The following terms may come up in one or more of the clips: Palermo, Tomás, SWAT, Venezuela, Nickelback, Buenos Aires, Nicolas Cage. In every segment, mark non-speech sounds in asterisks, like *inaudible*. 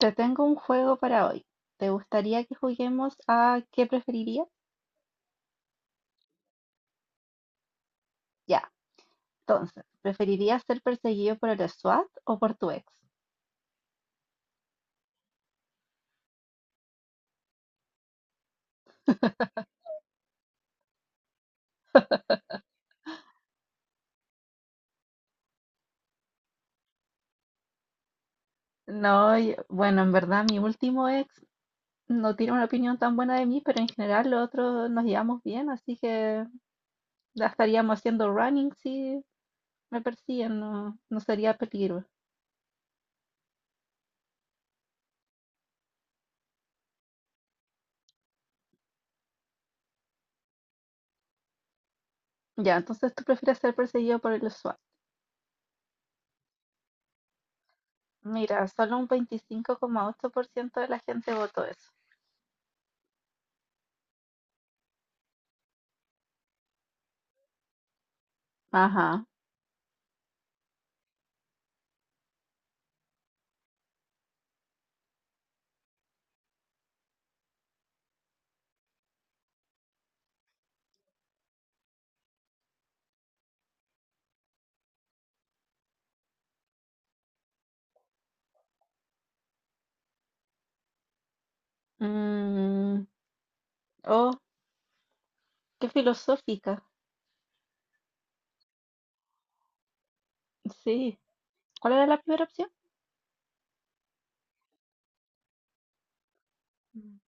Te tengo un juego para hoy. ¿Te gustaría que juguemos a qué preferirías? Ya, entonces, ¿preferirías ser perseguido por el SWAT o por tu ex? *laughs* No, yo- bueno, en verdad mi último ex no tiene una opinión tan buena de mí, pero en general los otros nos llevamos bien, así que ya estaríamos haciendo running si me persiguen, no, no sería peligro. Ya, entonces tú prefieres ser perseguido por el SWAT. Mira, solo un 25,8% de la gente votó eso. Ajá. Mm, oh, qué filosófica. Sí. ¿Cuál era la primera opción? Mm.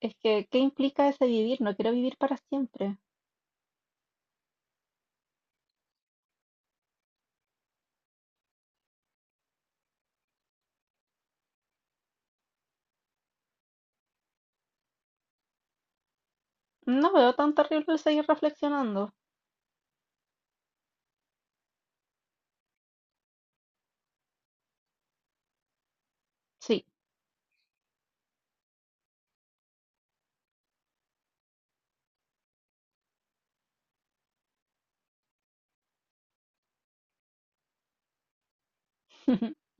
Es que, ¿qué implica ese vivir? No quiero vivir para siempre. No veo tan terrible el seguir reflexionando. Sí, *laughs*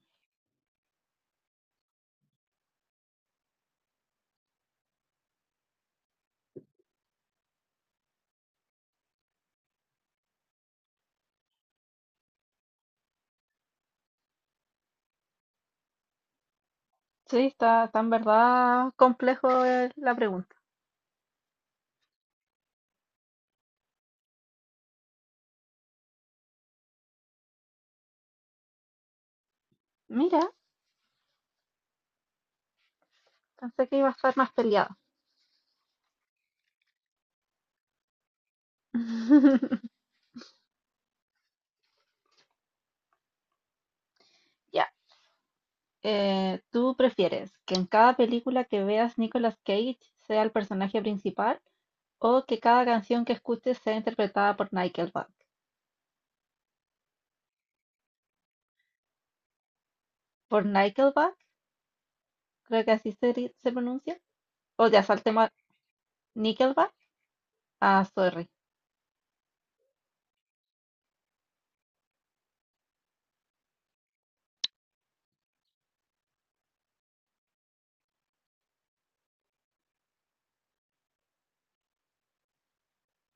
sí, está, está en verdad complejo la pregunta. Mira, pensé que iba a estar más peleado. *laughs* Ya, ¿tú prefieres que en cada película que veas Nicolas Cage sea el personaje principal o que cada canción que escuches sea interpretada por Nickelback? Por Nickelback. Creo que así se, ri- se pronuncia, o ya saltemos a Nickelback. Ah, sorry.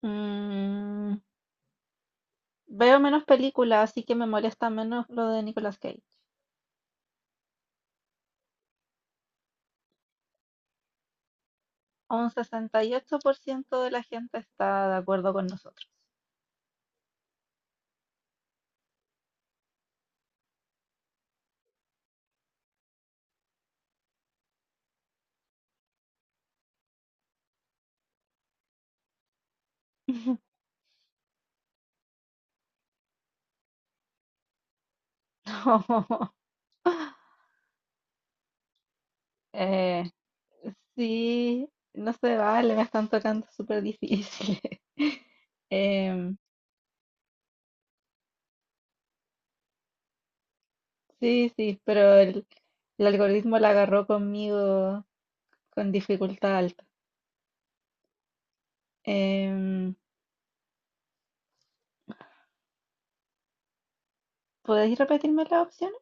Mm, veo menos películas, así que me molesta menos lo de Nicolas Cage. Un 68% de la gente está de acuerdo con nosotros. *laughs* No. Eh, sí, no se vale, me están tocando súper difíciles. *laughs* Em, sí, sí, pero el algoritmo la agarró conmigo con dificultad alta. Em, ¿Podéis repetirme las opciones?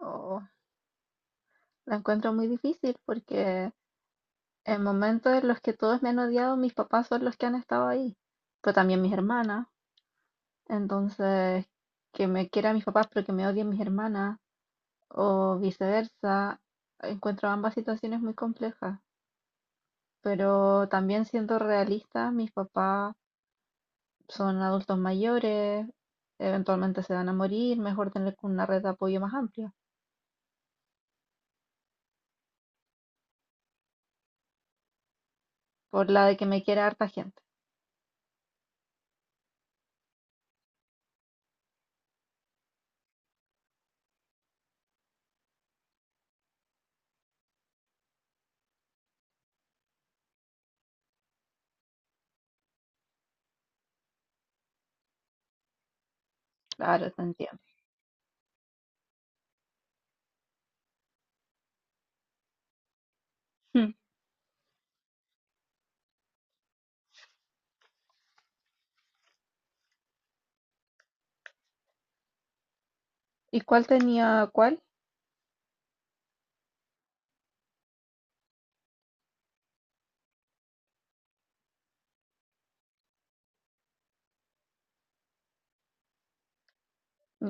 Oh, la encuentro muy difícil porque en momentos en los que todos me han odiado, mis papás son los que han estado ahí, pero también mis hermanas. Entonces, que me quieran mis papás pero que me odien mis hermanas o viceversa, encuentro ambas situaciones muy complejas. Pero también siendo realista, mis papás son adultos mayores, eventualmente se van a morir, mejor tener una red de apoyo más amplia, por la de que me quiera harta gente. Claro, te entiendo. Hmm. ¿Y cuál tenía cuál?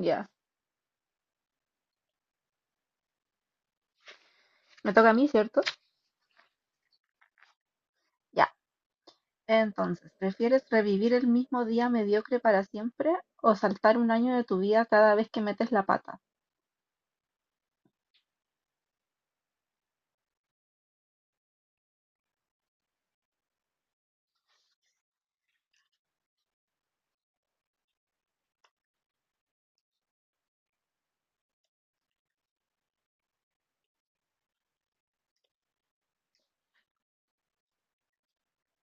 Ya, me toca a mí, ¿cierto? Ya. Entonces, ¿prefieres revivir el mismo día mediocre para siempre o saltar un año de tu vida cada vez que metes la pata?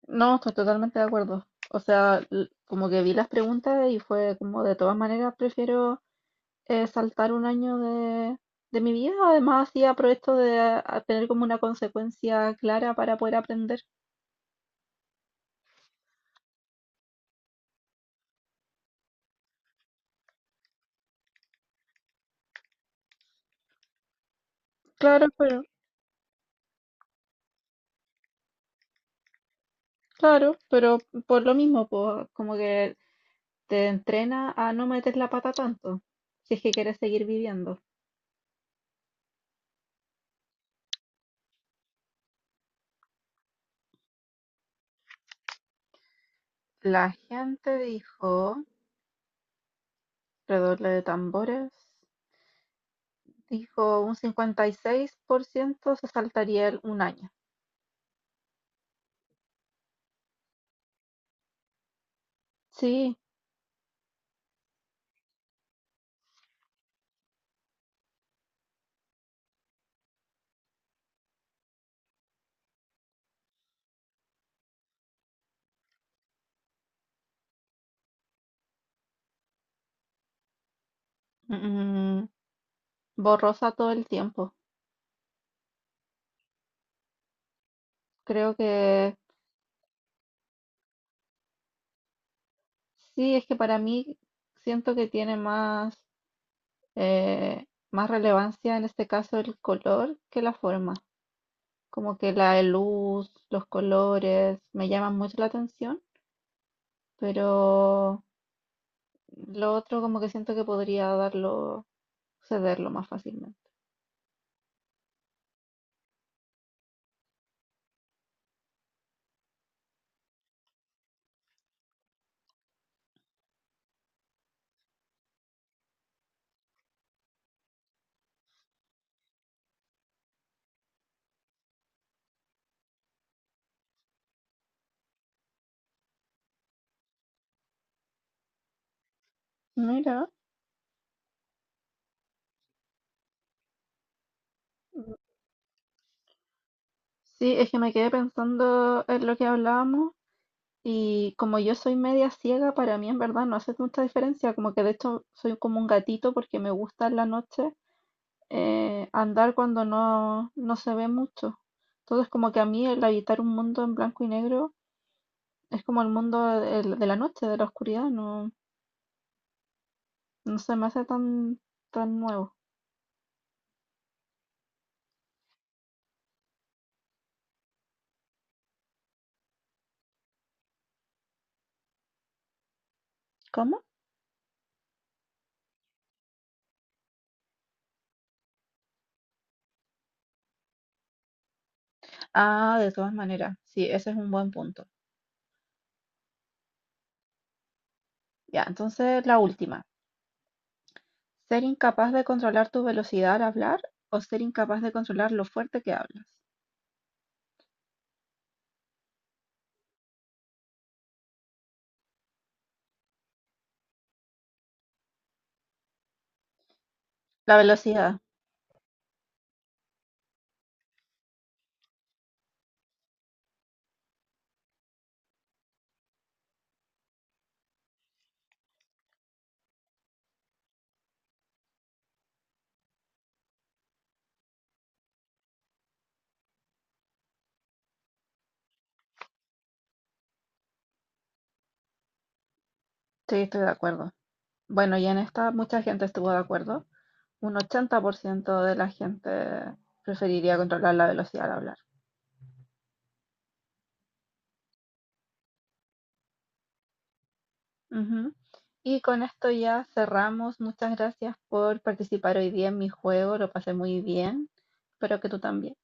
No, estoy totalmente de acuerdo. O sea, l- como que vi las preguntas y fue como de todas maneras prefiero saltar un año de mi vida. Además, así aprovecho de a- tener como una consecuencia clara para poder aprender. Claro, pero, claro, pero por lo mismo, pues, como que te entrena a no meter la pata tanto, si es que quieres seguir viviendo. La gente dijo, redoble de tambores, dijo un 56% se saltaría el- un año. Sí, mm, borrosa todo el tiempo. Creo que sí, es que para mí siento que tiene más, eh, más relevancia en este caso el color que la forma. Como que la luz, los colores, me llaman mucho la atención, pero lo otro como que siento que podría darlo, cederlo más fácilmente. Mira. Mm, sí, es que me quedé pensando en lo que hablábamos y como yo soy media ciega, para mí en verdad no hace mucha diferencia, como que de hecho soy como un gatito porque me gusta en la noche andar cuando no, no se ve mucho. Entonces, como que a mí el habitar un mundo en blanco y negro es como el mundo de la noche, de la oscuridad, no, no se me hace tan, tan nuevo. ¿Cómo? Ah, de todas maneras, sí, ese es un buen punto. Ya, entonces la última. Ser incapaz de controlar tu velocidad al hablar o ser incapaz de controlar lo fuerte que hablas. La velocidad, sí, estoy de acuerdo. Bueno, y en esta mucha gente estuvo de acuerdo. Un 80% de la gente preferiría controlar la velocidad al hablar. Ujú. Y con esto ya cerramos. Muchas gracias por participar hoy día en mi juego. Lo pasé muy bien. Espero que tú también.